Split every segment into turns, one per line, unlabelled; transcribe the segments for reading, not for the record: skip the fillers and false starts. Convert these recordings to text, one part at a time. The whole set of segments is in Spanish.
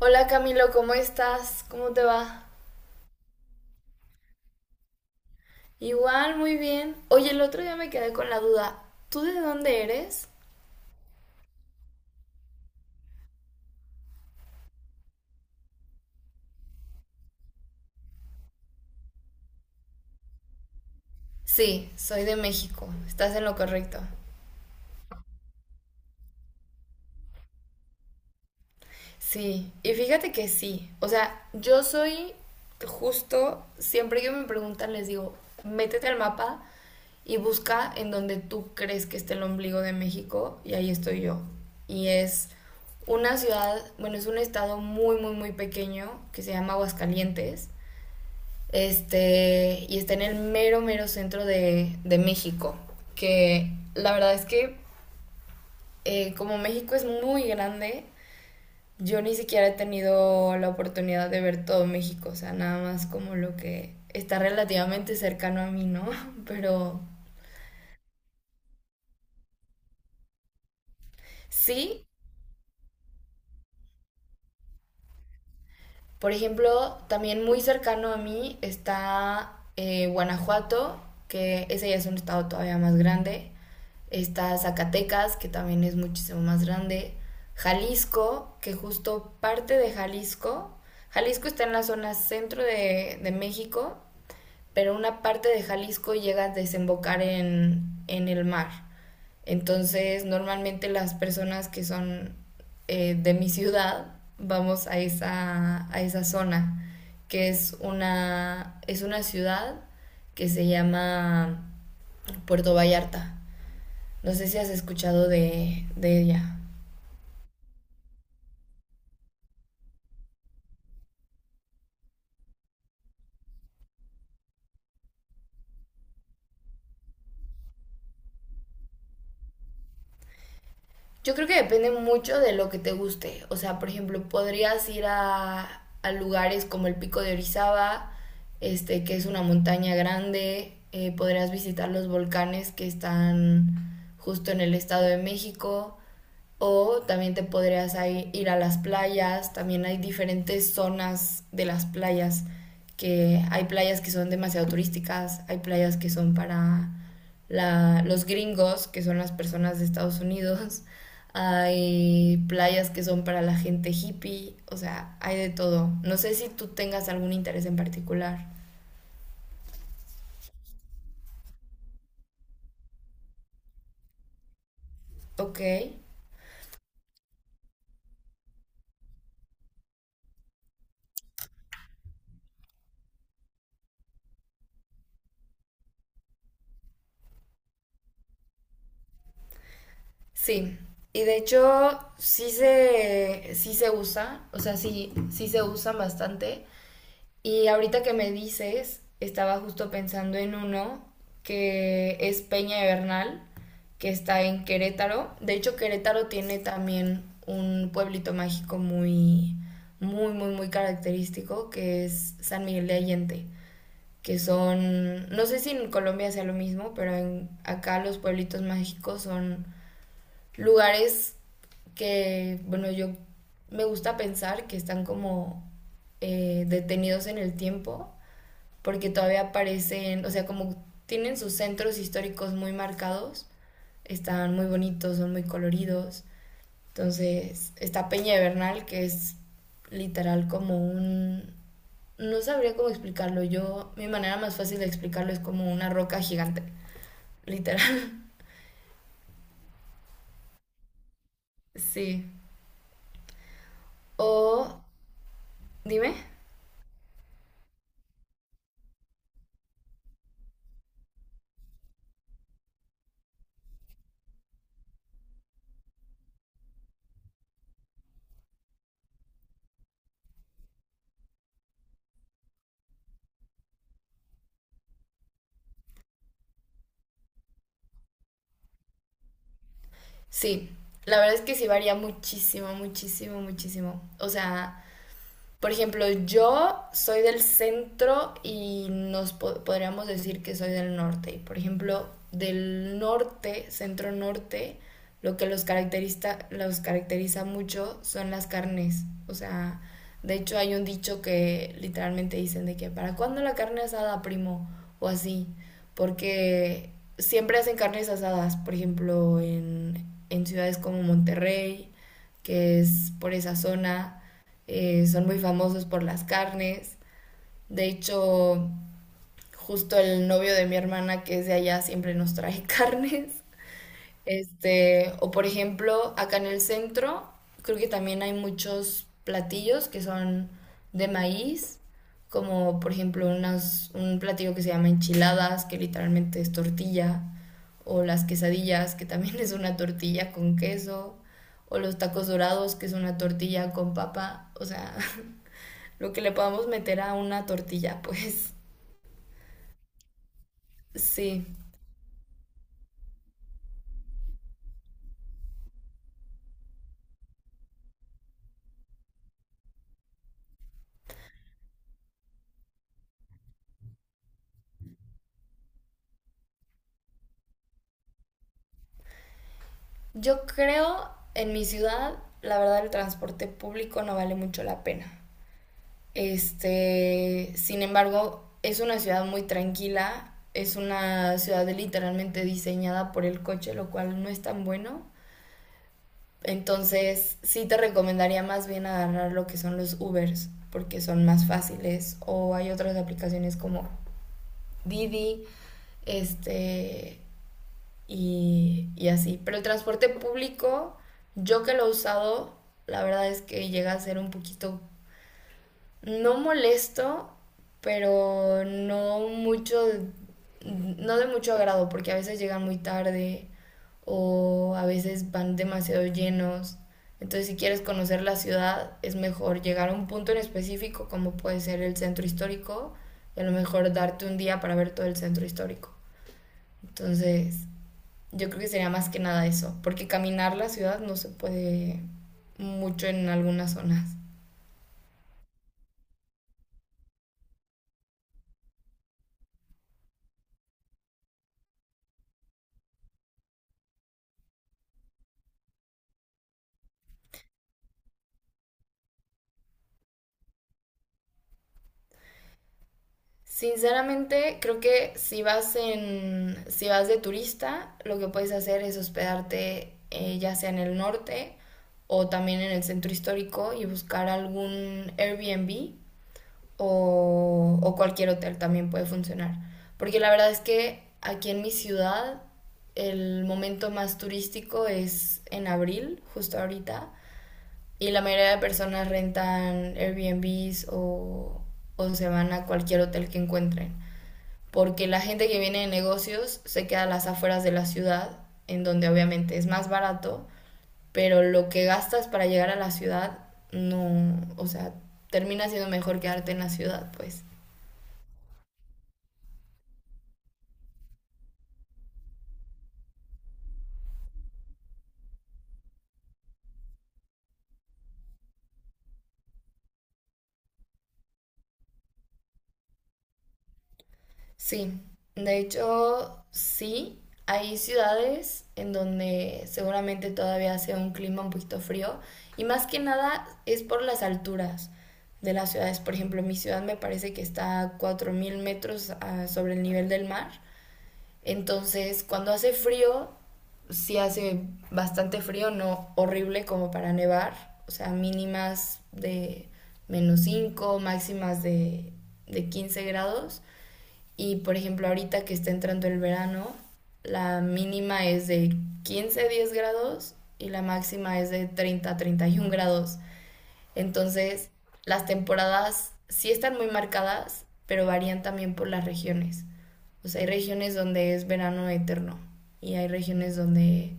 Hola Camilo, ¿cómo estás? ¿Cómo te va? Igual, muy bien. Oye, el otro día me quedé con la duda. ¿Tú de dónde eres? Sí, soy de México. Estás en lo correcto. Sí, y fíjate que sí. O sea, yo soy justo, siempre que me preguntan les digo, métete al mapa y busca en donde tú crees que está el ombligo de México y ahí estoy yo. Y es una ciudad, bueno, es un estado muy, muy, muy pequeño que se llama Aguascalientes. Este, y está en el mero, mero centro de México. Que la verdad es que, como México es muy grande, yo ni siquiera he tenido la oportunidad de ver todo México. O sea, nada más como lo que está relativamente cercano a mí, ¿no? Pero sí. Por ejemplo, también muy cercano a mí está Guanajuato, que ese ya es un estado todavía más grande. Está Zacatecas, que también es muchísimo más grande. Jalisco, que justo parte de Jalisco. Jalisco está en la zona centro de México, pero una parte de Jalisco llega a desembocar en el mar. Entonces, normalmente las personas que son de mi ciudad vamos a esa zona, que es una ciudad que se llama Puerto Vallarta. No sé si has escuchado de ella. Yo creo que depende mucho de lo que te guste. O sea, por ejemplo, podrías ir a lugares como el Pico de Orizaba, este, que es una montaña grande. Podrías visitar los volcanes que están justo en el Estado de México. O también te podrías ir a las playas, también hay diferentes zonas de las playas, que hay playas que son demasiado turísticas, hay playas que son para los gringos, que son las personas de Estados Unidos, hay playas que son para la gente hippie, o sea, hay de todo. No sé si tú tengas algún interés en particular. Ok, sí. Y de hecho, sí se usa, o sea, sí, sí se usan bastante. Y ahorita que me dices, estaba justo pensando en uno que es Peña de Bernal, que está en Querétaro. De hecho, Querétaro tiene también un pueblito mágico muy, muy, muy, muy característico, que es San Miguel de Allende, que son, no sé si en Colombia sea lo mismo, pero acá los pueblitos mágicos son lugares que, bueno, yo me gusta pensar que están como detenidos en el tiempo porque todavía aparecen, o sea, como tienen sus centros históricos muy marcados, están muy bonitos, son muy coloridos. Entonces, está Peña de Bernal, que es literal como un... No sabría cómo explicarlo. Yo, mi manera más fácil de explicarlo es como una roca gigante. Literal. Sí. O... Dime. Sí. La verdad es que sí varía muchísimo, muchísimo, muchísimo. O sea, por ejemplo, yo soy del centro y podríamos decir que soy del norte. Y, por ejemplo, del norte, centro norte, lo que los caracteriza mucho son las carnes. O sea, de hecho hay un dicho que literalmente dicen de que ¿para cuándo la carne asada, primo? O así. Porque siempre hacen carnes asadas, por ejemplo, en ciudades como Monterrey, que es por esa zona. Son muy famosos por las carnes. De hecho, justo el novio de mi hermana que es de allá siempre nos trae carnes. Este, o por ejemplo, acá en el centro, creo que también hay muchos platillos que son de maíz, como por ejemplo un platillo que se llama enchiladas, que literalmente es tortilla, o las quesadillas, que también es una tortilla con queso, o los tacos dorados, que es una tortilla con papa, o sea, lo que le podamos meter a una tortilla, pues sí. Yo creo en mi ciudad, la verdad, el transporte público no vale mucho la pena. Este, sin embargo, es una ciudad muy tranquila, es una ciudad literalmente diseñada por el coche, lo cual no es tan bueno. Entonces, sí te recomendaría más bien agarrar lo que son los Ubers, porque son más fáciles. O hay otras aplicaciones como Didi, este, y así. Pero el transporte público, yo que lo he usado, la verdad es que llega a ser un poquito, no molesto, pero no mucho, no de mucho agrado, porque a veces llegan muy tarde o a veces van demasiado llenos. Entonces, si quieres conocer la ciudad, es mejor llegar a un punto en específico, como puede ser el centro histórico, y a lo mejor darte un día para ver todo el centro histórico. Entonces, yo creo que sería más que nada eso, porque caminar la ciudad no se puede mucho en algunas zonas. Sinceramente, creo que si vas de turista, lo que puedes hacer es hospedarte ya sea en el norte o también en el centro histórico y buscar algún Airbnb o cualquier hotel también puede funcionar. Porque la verdad es que aquí en mi ciudad el momento más turístico es en abril, justo ahorita. Y la mayoría de personas rentan Airbnbs o se van a cualquier hotel que encuentren. Porque la gente que viene de negocios se queda a las afueras de la ciudad, en donde obviamente es más barato, pero lo que gastas para llegar a la ciudad no, o sea, termina siendo mejor quedarte en la ciudad, pues. Sí, de hecho, sí, hay ciudades en donde seguramente todavía hace un clima un poquito frío y más que nada es por las alturas de las ciudades. Por ejemplo, mi ciudad me parece que está a 4000 metros sobre el nivel del mar, entonces cuando hace frío, sí hace bastante frío, no horrible como para nevar, o sea, mínimas de -5, máximas de 15 grados. Y por ejemplo, ahorita que está entrando el verano, la mínima es de 15 a 10 grados y la máxima es de 30 a 31 grados. Entonces, las temporadas sí están muy marcadas, pero varían también por las regiones. O sea, hay regiones donde es verano eterno y hay regiones donde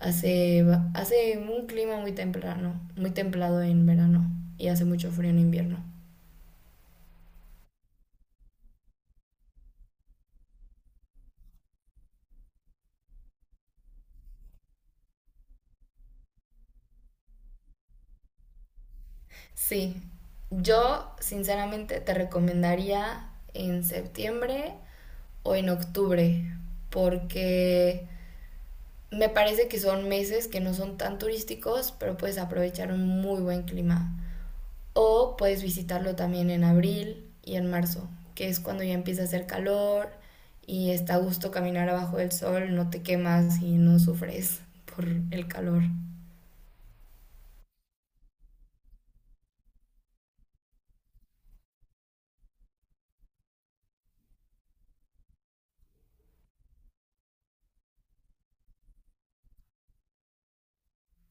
hace, hace un clima muy temprano, muy templado en verano y hace mucho frío en invierno. Sí, yo sinceramente te recomendaría en septiembre o en octubre, porque me parece que son meses que no son tan turísticos, pero puedes aprovechar un muy buen clima. O puedes visitarlo también en abril y en marzo, que es cuando ya empieza a hacer calor y está a gusto caminar abajo del sol, no te quemas y no sufres por el calor.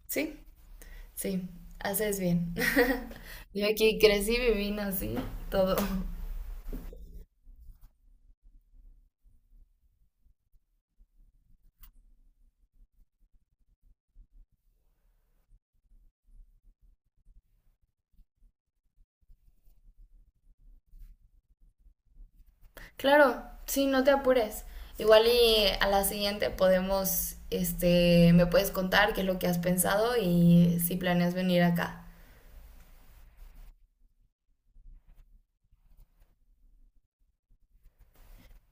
Sí, sí, haces bien. Yo aquí crecí, viví, nací, todo. Claro, sí, no te apures. Igual y a la siguiente podemos, este, me puedes contar qué es lo que has pensado y si planeas venir acá.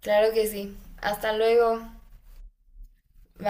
Claro que sí. Hasta luego. Bye.